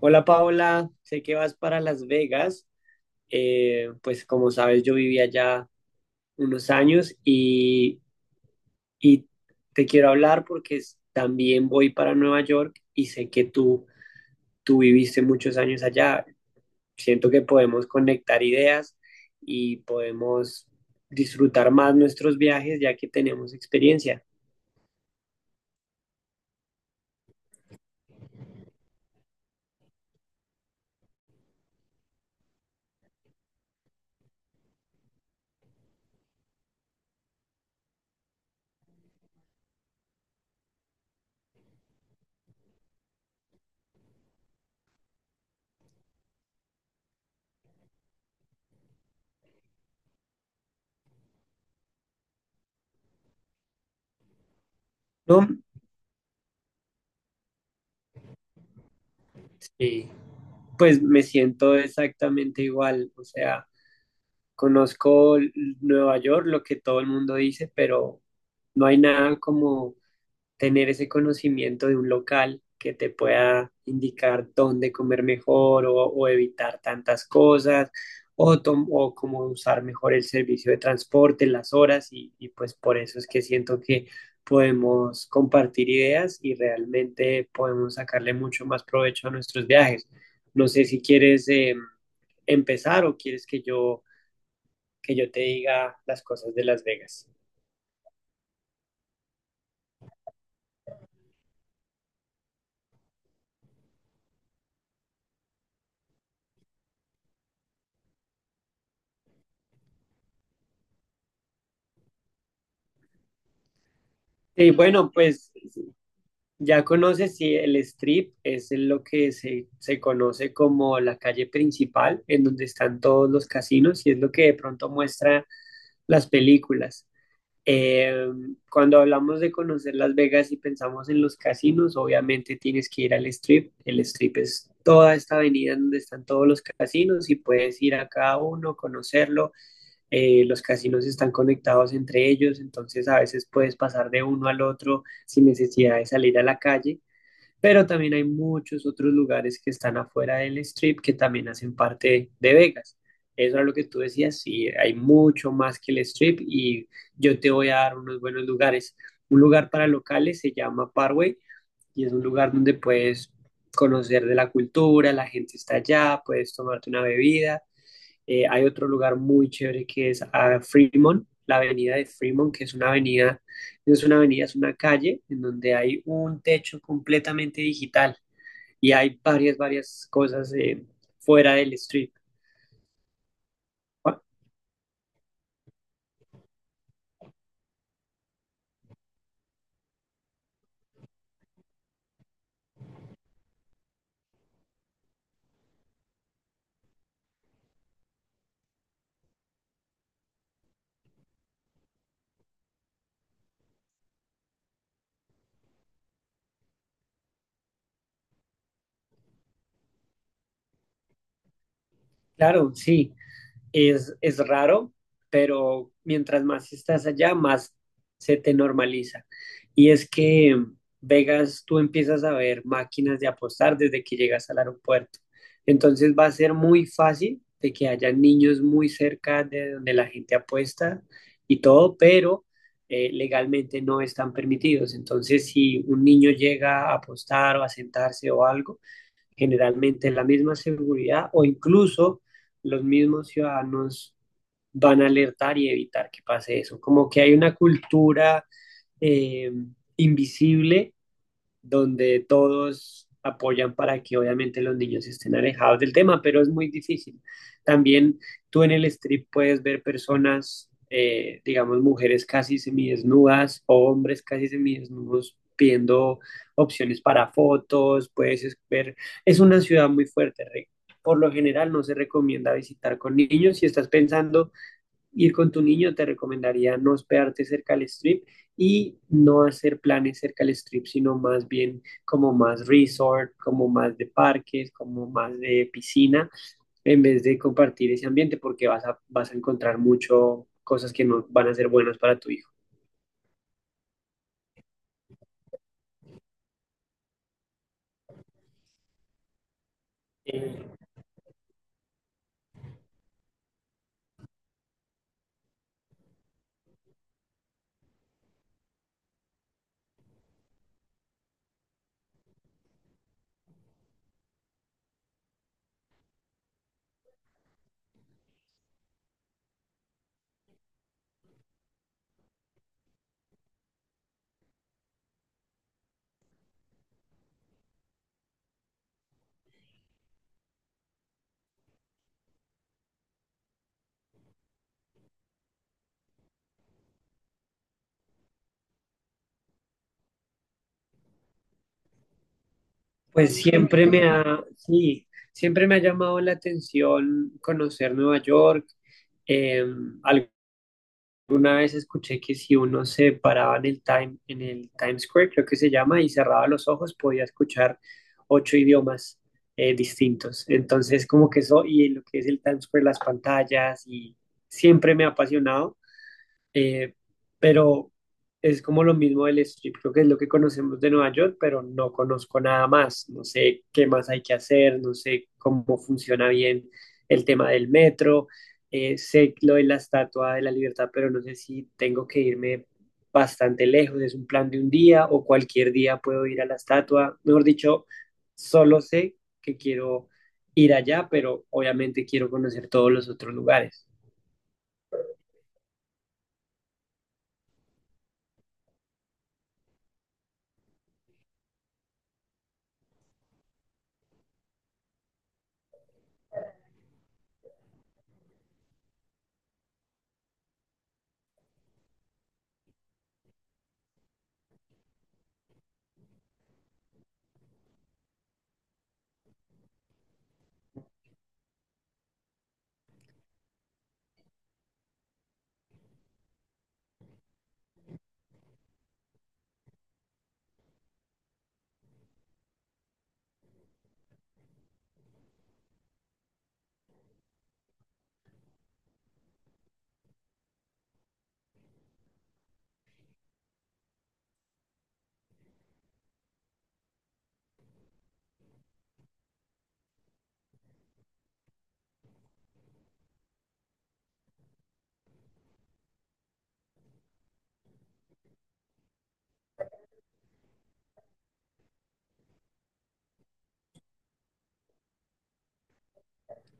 Hola Paola, sé que vas para Las Vegas. Pues como sabes, yo viví allá unos años y te quiero hablar porque también voy para Nueva York y sé que tú viviste muchos años allá. Siento que podemos conectar ideas y podemos disfrutar más nuestros viajes ya que tenemos experiencia, ¿no? Sí, pues me siento exactamente igual. O sea. Conozco Nueva York, lo que todo el mundo dice, pero no hay nada como tener ese conocimiento de un local que te pueda indicar dónde comer mejor o evitar tantas cosas o, o cómo usar mejor el servicio de transporte, las horas y pues por eso es que siento que podemos compartir ideas y realmente podemos sacarle mucho más provecho a nuestros viajes. No sé si quieres empezar o quieres que yo te diga las cosas de Las Vegas. Y bueno, pues ya conoces si el Strip es lo que se conoce como la calle principal, en donde están todos los casinos, y es lo que de pronto muestra las películas. Eh, cuando hablamos de conocer Las Vegas y pensamos en los casinos, obviamente tienes que ir al Strip. El Strip es toda esta avenida en donde están todos los casinos y puedes ir a cada uno, conocerlo. Los casinos están conectados entre ellos, entonces a veces puedes pasar de uno al otro sin necesidad de salir a la calle, pero también hay muchos otros lugares que están afuera del strip que también hacen parte de Vegas. Eso es lo que tú decías, sí, hay mucho más que el strip y yo te voy a dar unos buenos lugares. Un lugar para locales se llama Parway y es un lugar donde puedes conocer de la cultura, la gente está allá, puedes tomarte una bebida. Hay otro lugar muy chévere que es a Fremont, la avenida de Fremont, que es una avenida, no es una avenida, es una calle en donde hay un techo completamente digital y hay varias cosas fuera del strip. Ah, claro, sí. Es raro, pero mientras más estás allá, más se te normaliza. Y es que Vegas, tú empiezas a ver máquinas de apostar desde que llegas al aeropuerto. Entonces va a ser muy fácil de que haya niños muy cerca de donde la gente apuesta y todo, pero legalmente no están permitidos. Entonces, si un niño llega a apostar o a sentarse o algo, generalmente la misma seguridad o incluso los mismos ciudadanos van a alertar y evitar que pase eso. Como que hay una cultura eh, invisible donde todos apoyan para que obviamente los niños estén alejados del tema, pero es muy difícil. También tú en el strip puedes ver personas, digamos, mujeres casi semidesnudas o hombres casi semidesnudos pidiendo opciones para fotos, puedes ver, es una ciudad muy fuerte, Rick. Por lo general no se recomienda visitar con niños. Si estás pensando ir con tu niño, te recomendaría no hospedarte cerca del strip y no hacer planes cerca del strip, sino más bien como más resort, como más de parques, como más de piscina, en vez de compartir ese ambiente porque vas a encontrar mucho cosas que no van a ser buenas para tu hijo. Eh, pues sí, siempre me ha llamado la atención conocer Nueva York. Eh, algo Una vez escuché que si uno se paraba en en el Times Square, creo que se llama, y cerraba los ojos, podía escuchar ocho idiomas distintos. Entonces, como que eso, y lo que es el Times Square, las pantallas, y siempre me ha apasionado. Eh, pero es como lo mismo del strip, creo que es lo que conocemos de Nueva York, pero no conozco nada más, no sé qué más hay que hacer, no sé cómo funciona bien el tema del metro. Sé lo de la Estatua de la Libertad, pero no sé si tengo que irme bastante lejos, es un plan de un día o cualquier día puedo ir a la estatua, mejor dicho, solo sé que quiero ir allá, pero obviamente quiero conocer todos los otros lugares.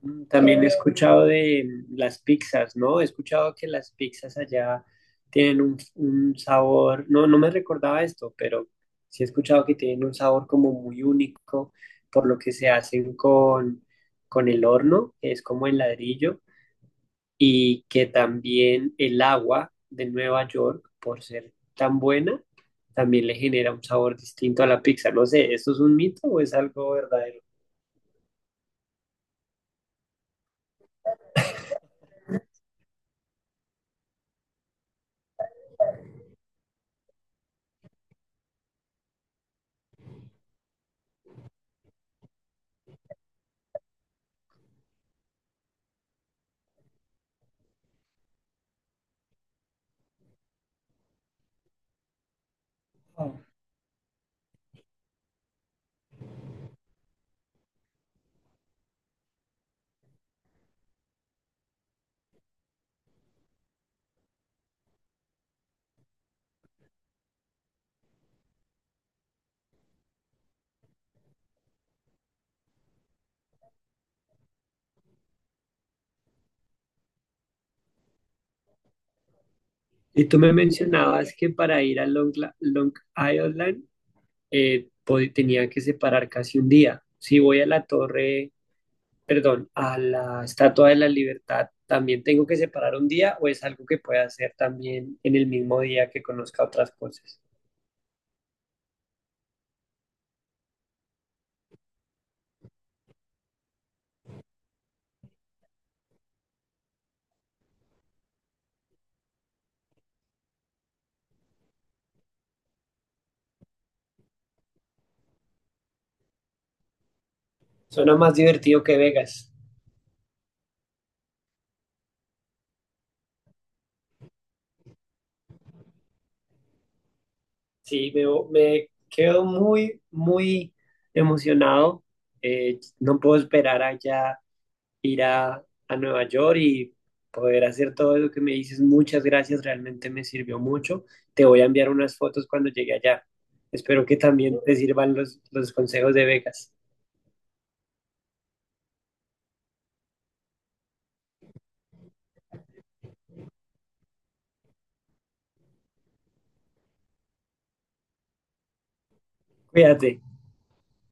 Mm, también he escuchado de las pizzas, ¿no? He escuchado que las pizzas allá tienen un sabor, no me recordaba esto, pero sí he escuchado que tienen un sabor como muy único, por lo que se hacen con el horno, que es como el ladrillo, y que también el agua de Nueva York, por ser tan buena, también le genera un sabor distinto a la pizza. No sé, ¿esto es un mito o es algo verdadero? Y tú me mencionabas que para ir a Long Island tenía que separar casi un día. Si voy a la torre, perdón, a la Estatua de la Libertad, ¿también tengo que separar un día o es algo que pueda hacer también en el mismo día que conozca otras cosas? Suena más divertido que Vegas. Sí, me quedo muy, muy emocionado. No puedo esperar allá ir a Nueva York y poder hacer todo lo que me dices. Muchas gracias, realmente me sirvió mucho. Te voy a enviar unas fotos cuando llegue allá. Espero que también te sirvan los consejos de Vegas. Cuídate.